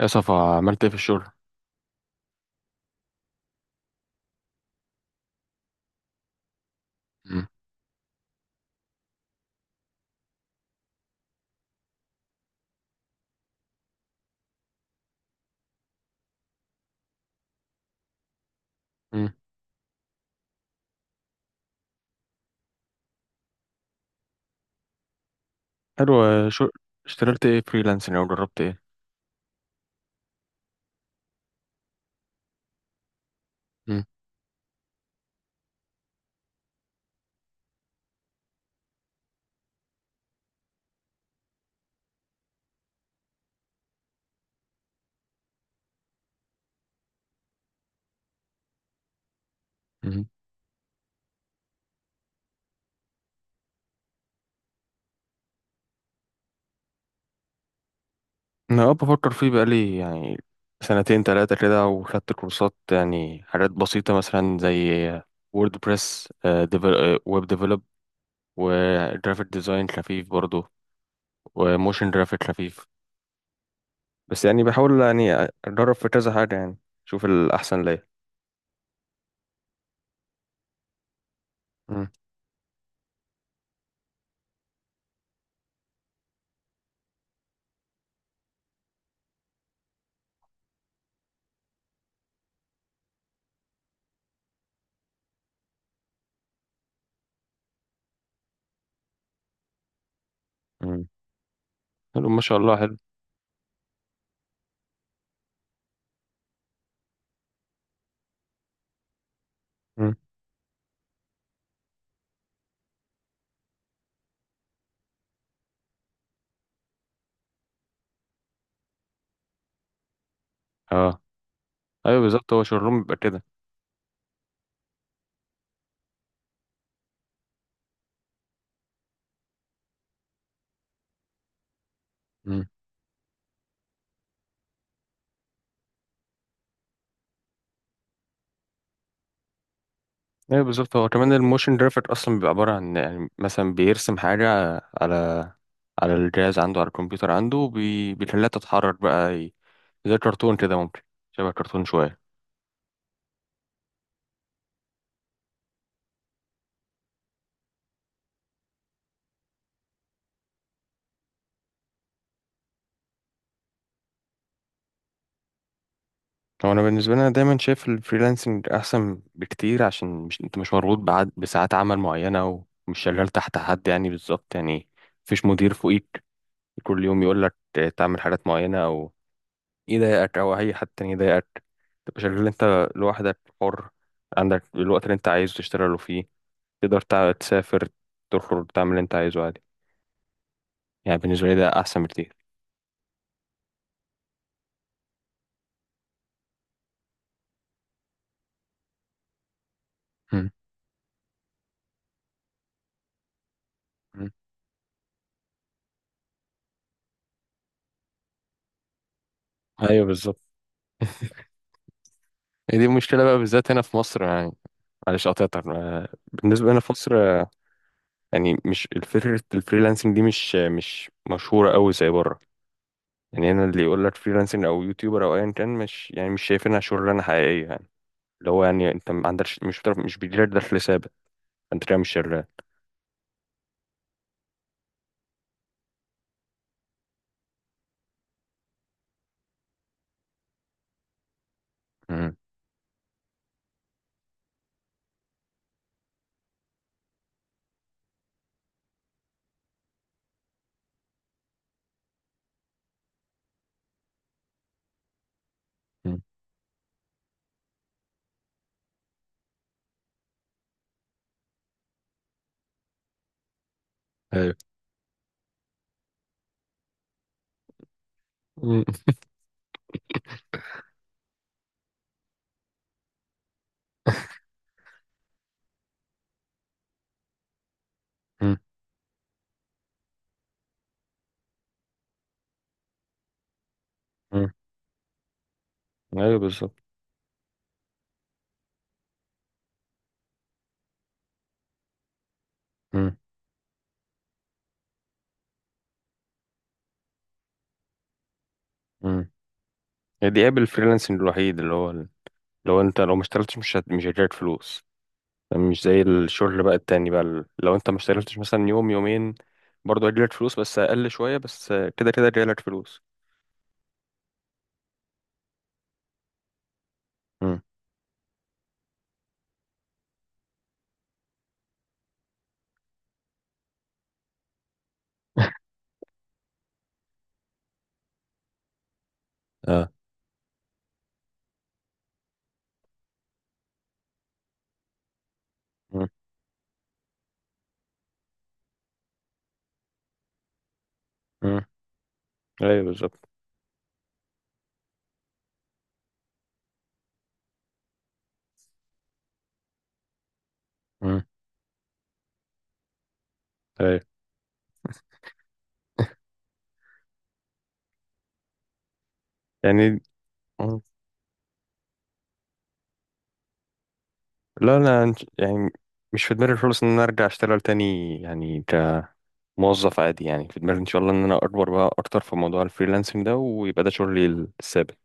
يا صفا، عملت ايه في الشغل؟ مم. مم. حلو آه، شو اشتغلت ايه فريلانسنج او جربت ايه؟ مم. مم. انا بفكر فيه بقالي يعني سنتين تلاتة كده، وخدت كورسات يعني حاجات بسيطة مثلا زي ووردبريس، ويب ديفلوب، وجرافيك ديزاين خفيف برضه، وموشن جرافيك خفيف. بس يعني بحاول يعني اتدرب في كذا حاجة يعني اشوف الاحسن ليا. مم. مم. حلو ما شاء الله، حلو. مم. اه. ايوه بالظبط، هو شغلهم بيبقى كده. ايوه بالظبط، هو كمان الموشن جرافيك اصلا بيبقى عباره عن يعني مثلا بيرسم حاجه على على الجهاز عنده، على الكمبيوتر عنده، بيخليها تتحرك بقى زي الكرتون كده ممكن، شبه كرتون شويه. هو انا بالنسبه لي، انا دايما شايف الفريلانسنج احسن بكتير، عشان مش انت مش مربوط بعد بساعات عمل معينه، ومش شغال تحت حد يعني بالظبط يعني. مفيش مدير فوقيك كل يوم يقول لك تعمل حاجات معينه، يضايقك او اي حد تاني يضايقك. تبقى شغال انت لوحدك حر، عندك الوقت اللي انت عايزه تشتغله فيه، تقدر تسافر، تخرج، تعمل اللي انت عايزه عادي. يعني بالنسبة لي ده احسن بكتير. مم. مم. ايوه بالظبط، هي دي المشكلة بقى بالذات هنا في مصر يعني. معلش قطعتك آه، بالنسبة هنا في مصر آه، يعني مش الفكرة الفريلانسنج دي مش مشهورة قوي زي بره. يعني هنا اللي يقول لك فريلانسنج او يوتيوبر او ايا كان مش يعني مش شايفينها شغلانة حقيقية يعني. اللي هو يعني انت ما عندكش مش بتعرف مش بيجيلك دخل ثابت. انت كده مش شرير. مم. مم. ايوه. مم. مم. مم. ايوه بالظبط. مم. مم. هي دي قابل الفريلانسنج الوحيد اللي هو انت لو ما اشتغلتش مش هتجيلك فلوس. مش زي الشغل بقى التاني بقى لو انت ما اشتغلتش مثلا يوم يومين برضه هيجيلك فلوس بس اقل شويه، بس كده كده هيجيلك فلوس. مم. اه. مم. مم. ايوه بالظبط. مم. ايوه. يعني لا انا يعني مش في دماغي خالص ان انا ارجع اشتغل تاني يعني كموظف عادي. يعني في دماغي ان شاء الله ان انا اكبر بقى اكتر في موضوع الفريلانسنج ده ويبقى ده شغلي الثابت.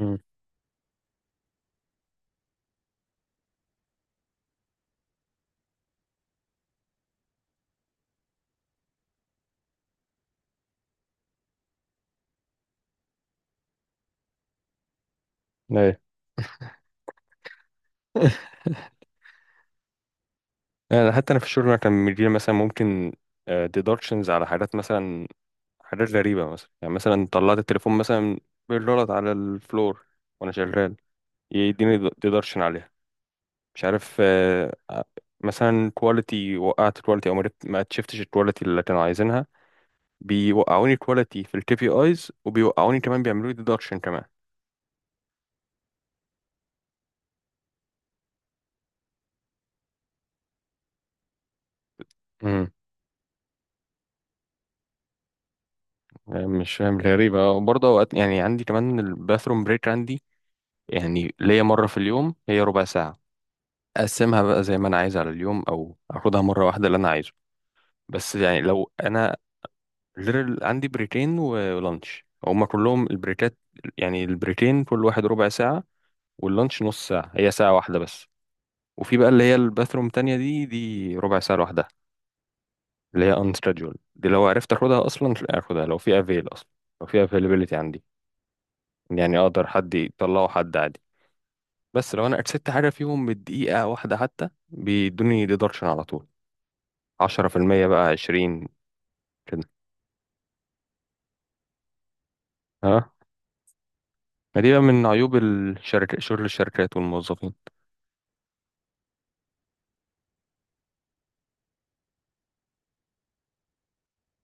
امم، ايوه. يعني حتى انا في الشغل، انا كان مديري مثلا ممكن ديدكشنز على حاجات مثلا حاجات غريبه مثلا يعني مثلا طلعت التليفون مثلا بالغلط على الفلور وانا شغال، يديني ديدكشن عليها. مش عارف مثلا كواليتي، وقعت كواليتي او ما شفتش الكواليتي اللي كانوا عايزينها، بيوقعوني كواليتي في الكي بي ايز وبيوقعوني كمان بيعملوا لي ديدكشن كمان. امم. مش فاهم غريبة آه، وبرضه أوقات يعني عندي كمان الباثروم بريك عندي. يعني ليا مرة في اليوم، هي ربع ساعة، أقسمها بقى زي ما أنا عايز على اليوم أو أخدها مرة واحدة اللي أنا عايزه. بس يعني لو أنا literal عندي بريكين ولانش هما كلهم البريكات. يعني البريكين كل واحد ربع ساعة، واللانش نص ساعة، هي ساعة واحدة بس. وفي بقى اللي هي الباثروم تانية دي ربع ساعة لوحدها، اللي هي ان scheduled دي لو عرفت اخدها اصلا اخدها لو في افيل اصلا لو في availability عندي. يعني اقدر حد يطلعه حد عادي. بس لو انا ارسلت حاجه فيهم بالدقيقه واحده حتى بيدوني ديدكشن على طول 10%، بقى 20 كده. ها. ما دي بقى من عيوب الشركة، شغل الشركات والموظفين.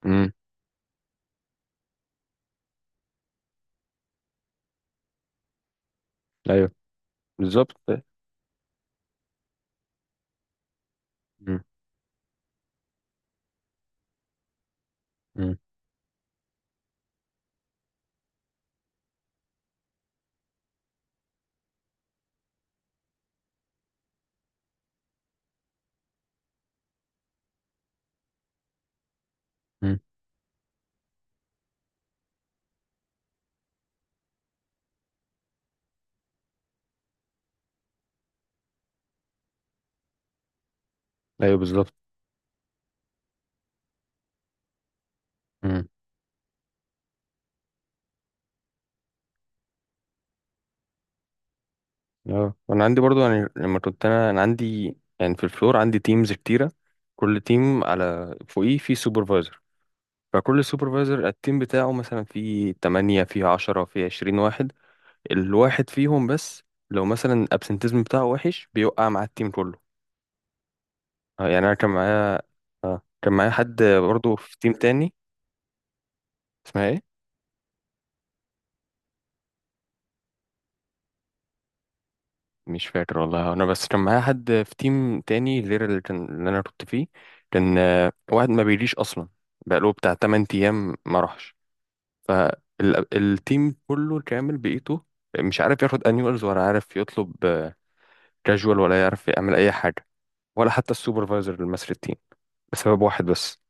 امم. ايوه بالظبط. امم. امم. أمم. ايوه بالظبط. امم. اه انا عندي برضو يعني لما كنت انا عندي يعني في الفلور، عندي تيمز كتيره، كل تيم على فوقيه في سوبرفايزر. فكل سوبرفايزر التيم بتاعه مثلا فيه 8، فيه 10، فيه 20 واحد. الواحد فيهم بس لو مثلا الابسنتيزم بتاعه وحش، بيوقع مع التيم كله. يعني انا كان معايا كان معايا حد برضه في تيم تاني. اسمها ايه؟ مش فاكر والله، انا بس كان معايا حد في تيم تاني غير اللي انا كنت فيه. كان واحد ما بيجيش اصلا بقاله بتاع 8 ايام ما راحش. فالتيم كله كامل بقيته مش عارف ياخد انيوالز، ولا عارف يطلب كاجوال، ولا يعرف يعمل اي حاجه، ولا حتى السوبرفايزر المصري التيم، بسبب واحد بس.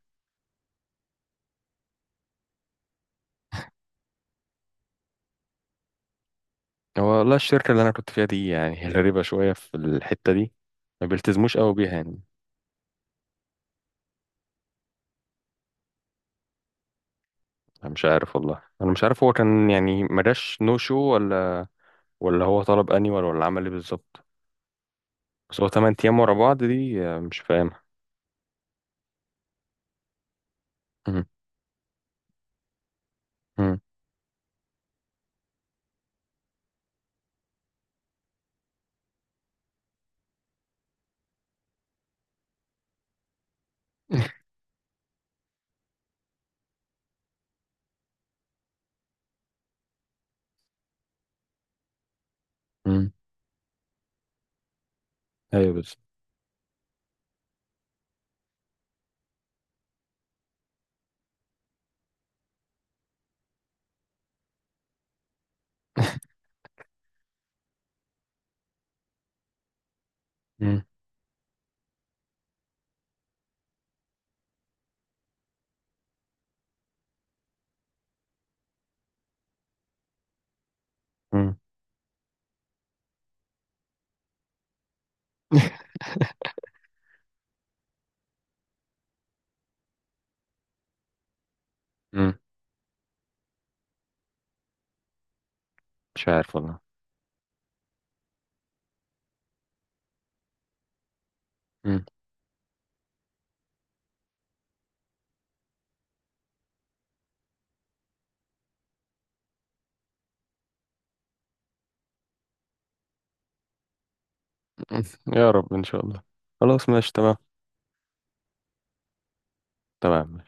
هو والله الشركه اللي انا كنت فيها دي يعني هي غريبه شويه في الحته دي، ما بيلتزموش قوي بيها يعني. انا مش عارف والله، انا مش عارف هو كان يعني ما جاش نو شو، ولا هو طلب انيوال، ولا عمل ايه بالظبط. بس هو 8 ايام ورا بعض دي مش فاهمها. مم. مم. مم. ايوه بس. مم. مم. مم. مش عارف والله. مم. يا رب ان شاء الله. خلاص ماشي تمام. تمام.